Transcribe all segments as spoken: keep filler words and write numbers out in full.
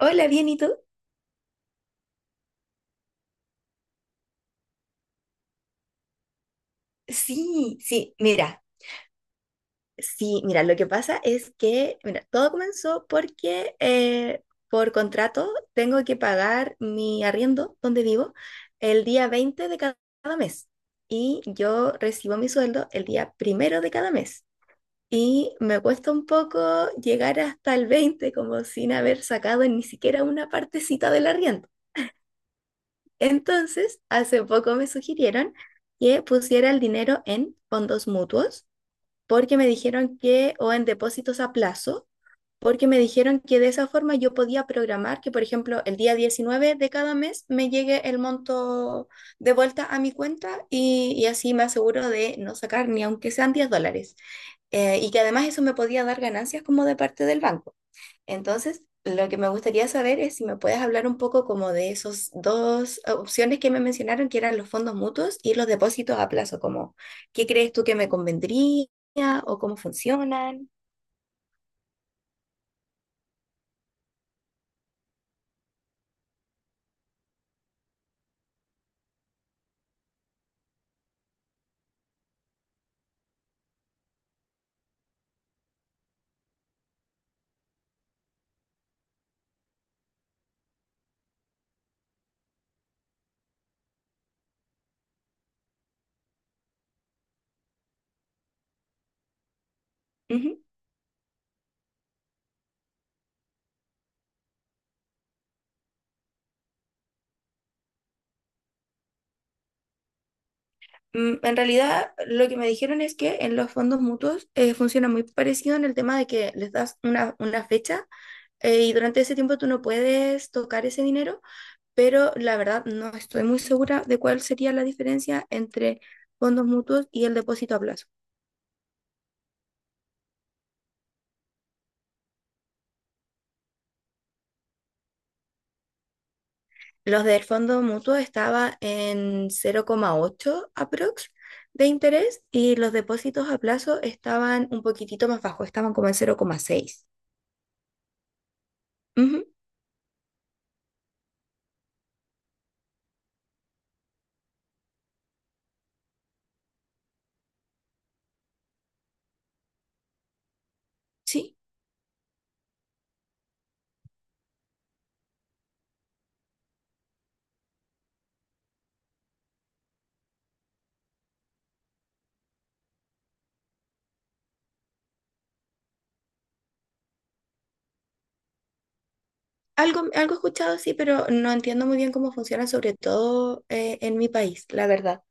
Hola, bien, ¿y tú? Sí, sí, mira, sí, mira, lo que pasa es que, mira, todo comenzó porque eh, por contrato tengo que pagar mi arriendo donde vivo el día veinte de cada mes, y yo recibo mi sueldo el día primero de cada mes, y me cuesta un poco llegar hasta el veinte como sin haber sacado ni siquiera una partecita del arriendo. Entonces, hace poco me sugirieron que pusiera el dinero en fondos mutuos porque me dijeron que, o en depósitos a plazo, porque me dijeron que de esa forma yo podía programar que, por ejemplo, el día diecinueve de cada mes me llegue el monto de vuelta a mi cuenta, y, y así me aseguro de no sacar ni aunque sean diez dólares. Eh, y que además eso me podía dar ganancias como de parte del banco. Entonces, lo que me gustaría saber es si me puedes hablar un poco como de esos dos opciones que me mencionaron, que eran los fondos mutuos y los depósitos a plazo, como ¿qué crees tú que me convendría o cómo funcionan? Ujú. Mm, En realidad, lo que me dijeron es que en los fondos mutuos eh, funciona muy parecido en el tema de que les das una, una fecha, eh, y durante ese tiempo tú no puedes tocar ese dinero, pero la verdad no estoy muy segura de cuál sería la diferencia entre fondos mutuos y el depósito a plazo. Los del fondo mutuo estaba en cero coma ocho aprox de interés, y los depósitos a plazo estaban un poquitito más bajos, estaban como en cero coma seis. Ujú, sí, algo, algo he escuchado, sí, pero no entiendo muy bien cómo funciona, sobre todo eh, en mi país, la verdad.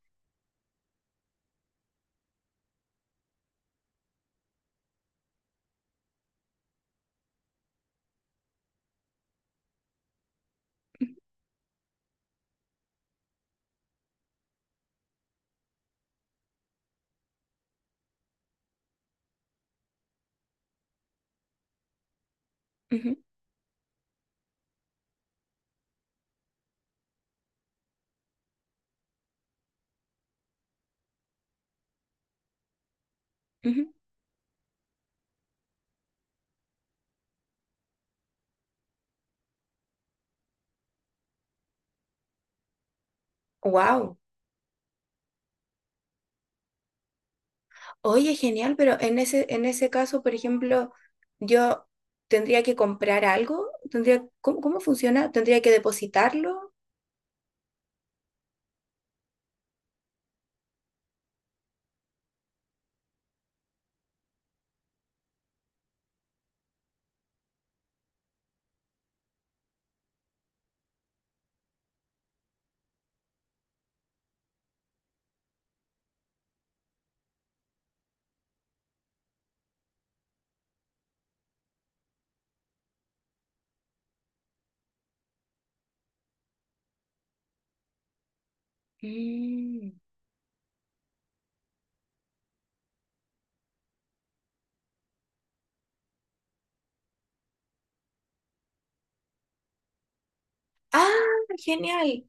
Wow. Oye, genial, pero en ese, en ese caso, por ejemplo, yo tendría que comprar algo, tendría, ¿cómo, cómo funciona? ¿Tendría que depositarlo? Mm. Ah, genial.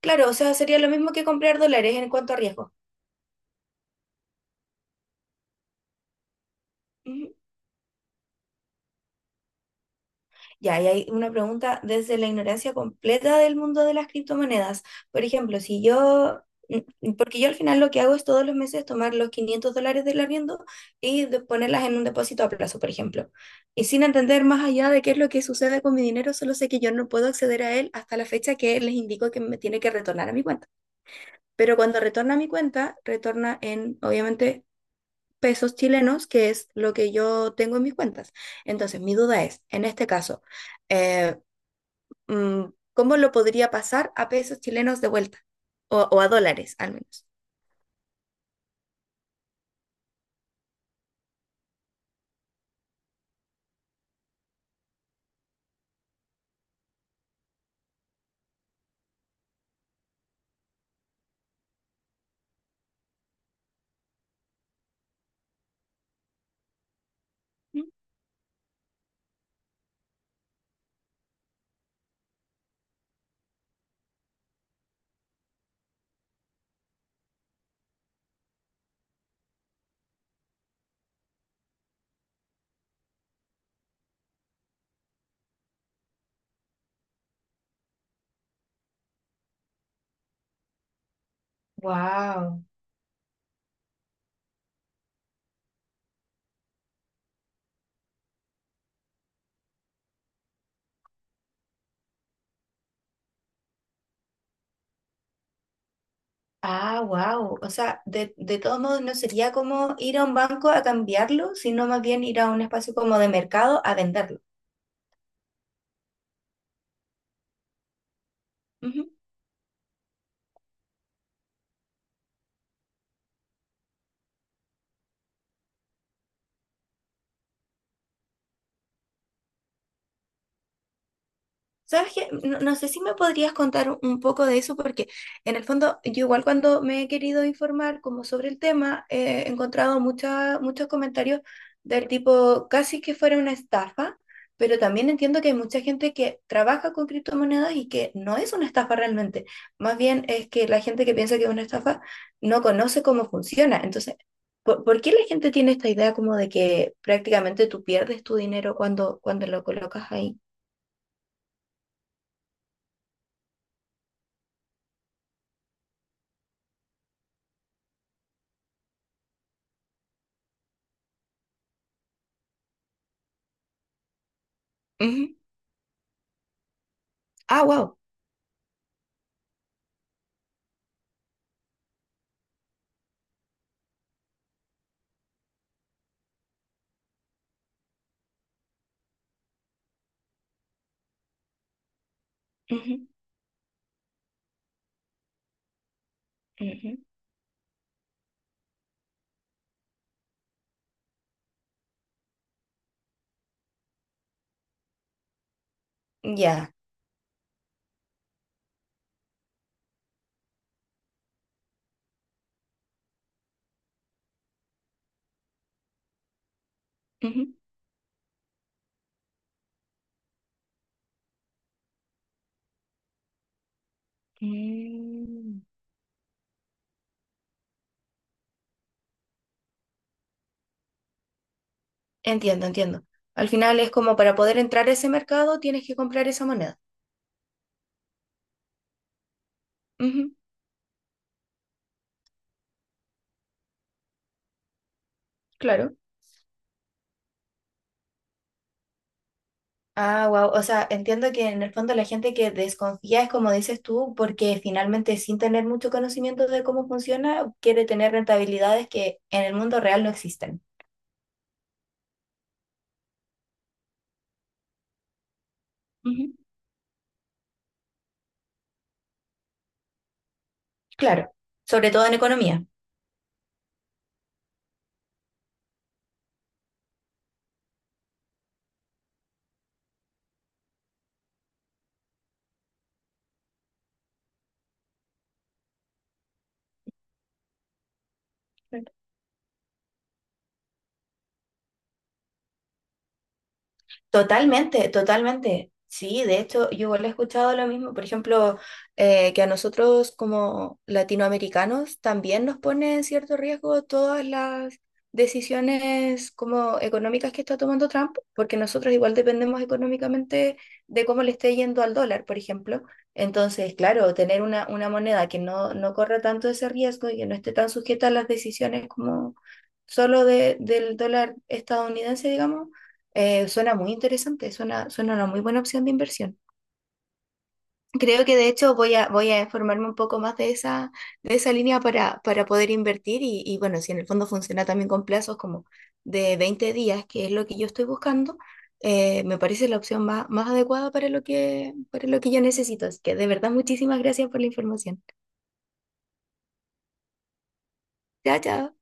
Claro, o sea, sería lo mismo que comprar dólares en cuanto a riesgo. Ujú. Ya, y hay una pregunta desde la ignorancia completa del mundo de las criptomonedas. Por ejemplo, si yo, mm, porque yo al final lo que hago es todos los meses tomar los quinientos dólares del arriendo y de- ponerlas en un depósito a plazo, por ejemplo. Y sin entender más allá de qué es lo que sucede con mi dinero, solo sé que yo no puedo acceder a él hasta la fecha que les indico que me tiene que retornar a mi cuenta. Pero cuando retorna a mi cuenta, retorna en, obviamente, pesos chilenos, que es lo que yo tengo en mis cuentas. Entonces, mi duda es, en este caso, eh, mm, ¿cómo lo podría pasar a pesos chilenos de vuelta? O, o a dólares, al menos. Wow. Ah, wow. O sea, de, de todos modos no sería como ir a un banco a cambiarlo, sino más bien ir a un espacio como de mercado a venderlo. Ujú. ¿Sabes qué? No, no sé si me podrías contar un poco de eso, porque en el fondo yo igual cuando me he querido informar como sobre el tema, eh, he encontrado mucha- muchos comentarios del tipo casi que fuera una estafa, pero también entiendo que hay mucha gente que trabaja con criptomonedas y que no es una estafa realmente. Más bien es que la gente que piensa que es una estafa no conoce cómo funciona. Entonces, ¿por, por qué la gente tiene esta idea como de que prácticamente tú pierdes tu dinero cuando, cuando lo colocas ahí? Ah, wow. Ujú, ujú, ya. Ujú. Mm. Entiendo, entiendo. Al final es como para poder entrar a ese mercado tienes que comprar esa moneda. Ujú, claro. Ah, wow. O sea, entiendo que en el fondo la gente que desconfía es como dices tú, porque finalmente sin tener mucho conocimiento de cómo funciona, quiere tener rentabilidades que en el mundo real no existen. Ujú, claro, sobre todo en economía. Totalmente, totalmente. Sí, de hecho, yo igual he escuchado lo mismo. Por ejemplo, eh, que a nosotros como latinoamericanos también nos pone en cierto riesgo todas las decisiones como económicas que está tomando Trump, porque nosotros igual dependemos económicamente de cómo le esté yendo al dólar, por ejemplo. Entonces, claro, tener una, una moneda que no, no corra tanto ese riesgo y que no esté tan sujeta a las decisiones como solo de, del dólar estadounidense, digamos, eh, suena muy interesante, suena, suena una muy buena opción de inversión. Creo que de hecho voy a, voy a informarme un poco más de esa, de esa línea para, para poder invertir, y, y bueno, si en el fondo funciona también con plazos como de veinte días, que es lo que yo estoy buscando, eh, me parece la opción más, más adecuada para lo que, para lo que, yo necesito. Así que de verdad, muchísimas gracias por la información. Chao, chao.